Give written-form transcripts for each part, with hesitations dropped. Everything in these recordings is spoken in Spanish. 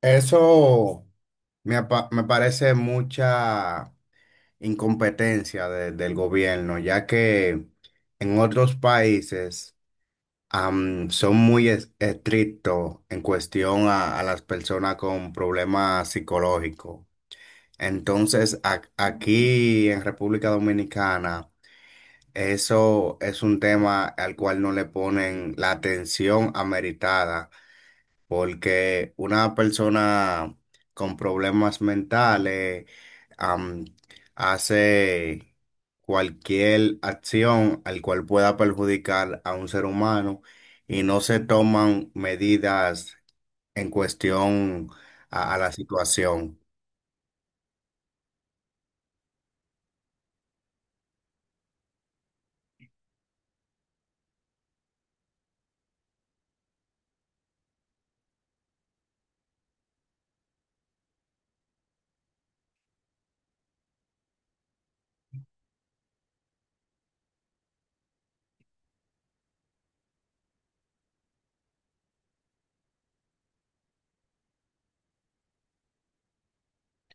Eso me parece mucha incompetencia del gobierno, ya que en otros países son muy estrictos en cuestión a las personas con problemas psicológicos. Entonces, aquí en República Dominicana, eso es un tema al cual no le ponen la atención ameritada porque una persona con problemas mentales am, hace cualquier acción al cual pueda perjudicar a un ser humano y no se toman medidas en cuestión a la situación.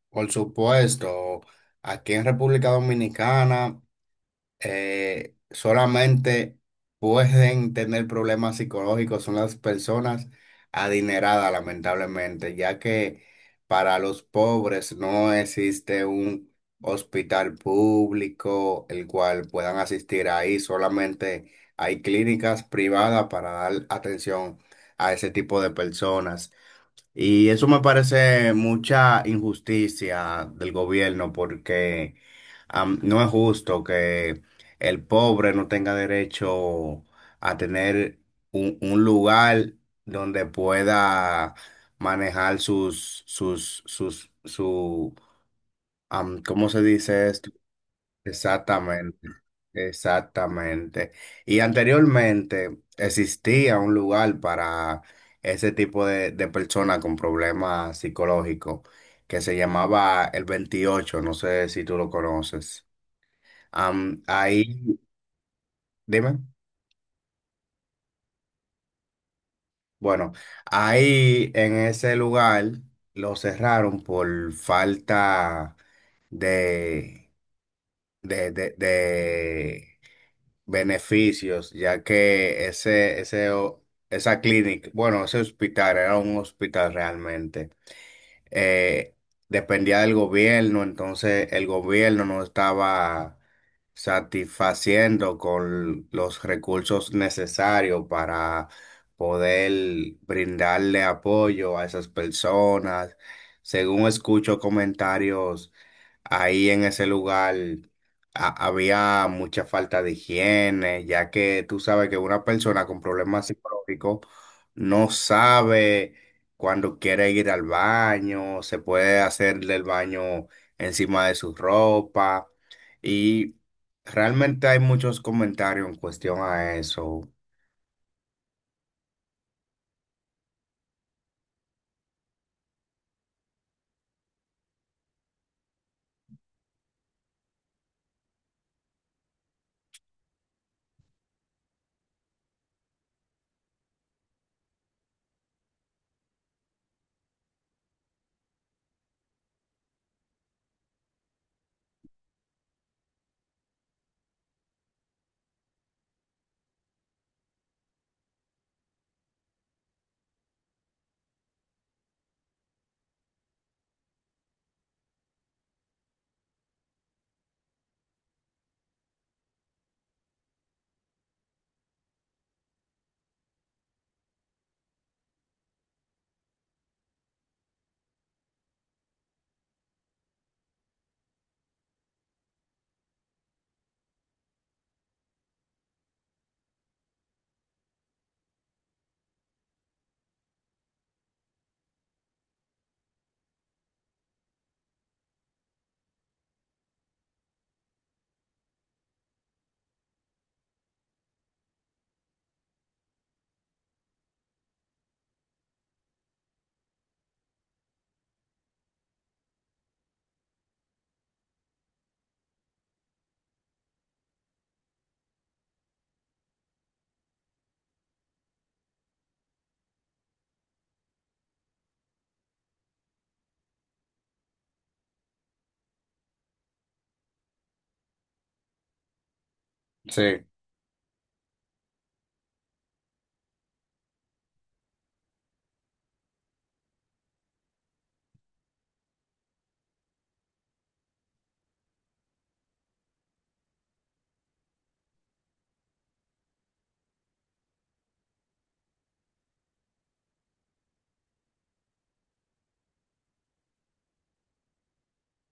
Por supuesto, aquí en República Dominicana solamente pueden tener problemas psicológicos son las personas adineradas, lamentablemente, ya que para los pobres no existe un hospital público el cual puedan asistir ahí, solamente hay clínicas privadas para dar atención a ese tipo de personas. Y eso me parece mucha injusticia del gobierno porque no es justo que el pobre no tenga derecho a tener un lugar donde pueda manejar su, ¿cómo se dice esto? Exactamente, exactamente. Y anteriormente existía un lugar para ese tipo de personas con problemas psicológicos que se llamaba el 28. No sé si tú lo conoces. Ahí, dime, bueno, ahí en ese lugar lo cerraron por falta de, de beneficios, ya que esa clínica, bueno, ese hospital era un hospital realmente eh, dependía del gobierno, entonces el gobierno no estaba satisfaciendo con los recursos necesarios para poder brindarle apoyo a esas personas. Según escucho comentarios, ahí en ese lugar había mucha falta de higiene, ya que tú sabes que una persona con problemas psicológicos no sabe cuando quiere ir al baño, se puede hacerle el baño encima de su ropa. Y realmente hay muchos comentarios en cuestión a eso. Sí,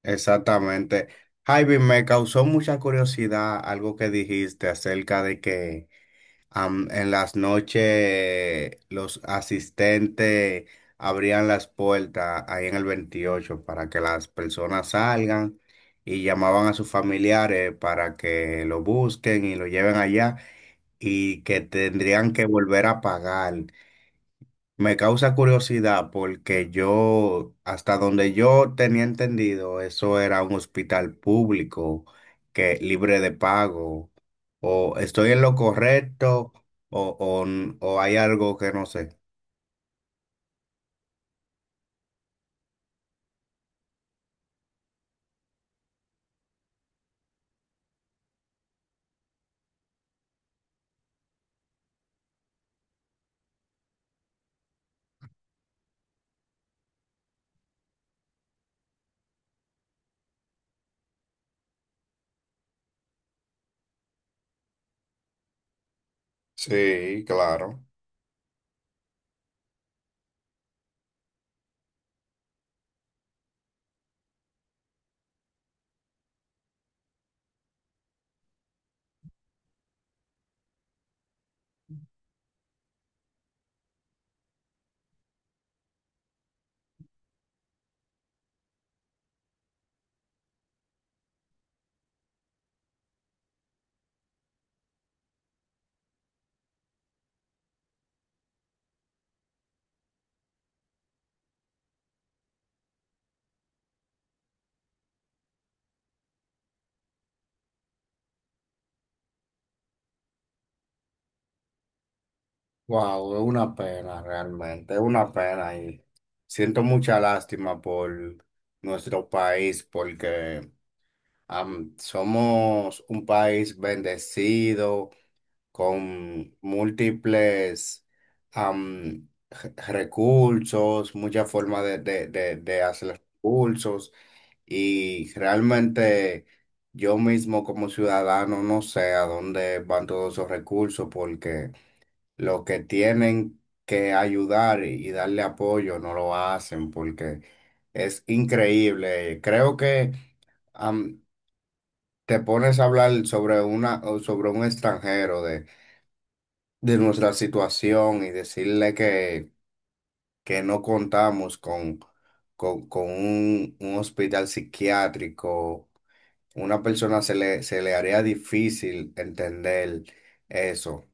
exactamente. Javi, me causó mucha curiosidad algo que dijiste acerca de que en las noches los asistentes abrían las puertas ahí en el 28 para que las personas salgan y llamaban a sus familiares para que lo busquen y lo lleven allá y que tendrían que volver a pagar. Me causa curiosidad porque yo, hasta donde yo tenía entendido, eso era un hospital público que libre de pago. ¿O estoy en lo correcto o, o hay algo que no sé? Sí, claro. Wow, es una pena realmente, es una pena y siento mucha lástima por nuestro país porque somos un país bendecido, con múltiples recursos, muchas formas de, de hacer recursos y realmente yo mismo como ciudadano no sé a dónde van todos esos recursos porque lo que tienen que ayudar y darle apoyo no lo hacen porque es increíble. Creo que am, te pones a hablar sobre sobre un extranjero de nuestra situación y decirle que no contamos con un hospital psiquiátrico, una persona se le haría difícil entender eso.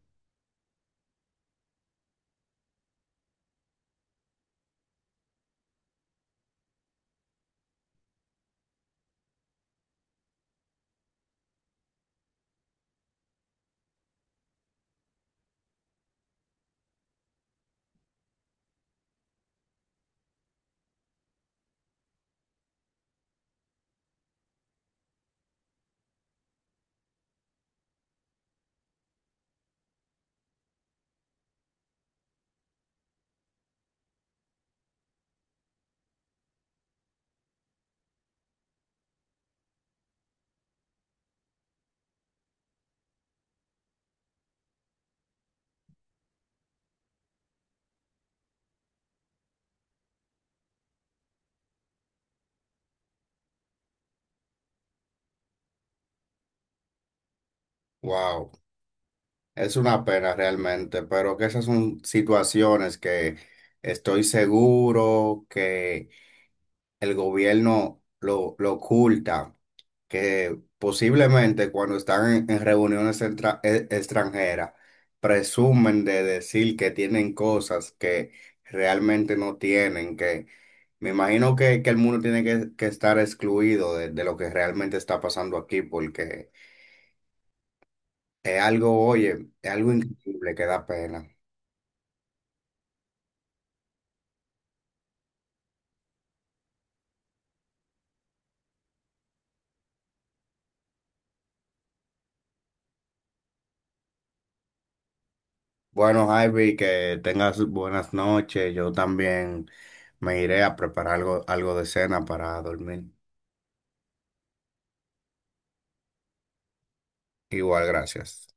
Wow, es una pena realmente, pero que esas son situaciones que estoy seguro que el gobierno lo oculta, que posiblemente cuando están en reuniones extranjeras presumen de decir que tienen cosas que realmente no tienen, que me imagino que el mundo tiene que estar excluido de lo que realmente está pasando aquí, porque es algo, oye, es algo increíble que da pena. Bueno, Javi, que tengas buenas noches. Yo también me iré a preparar algo, algo de cena para dormir. Igual, gracias.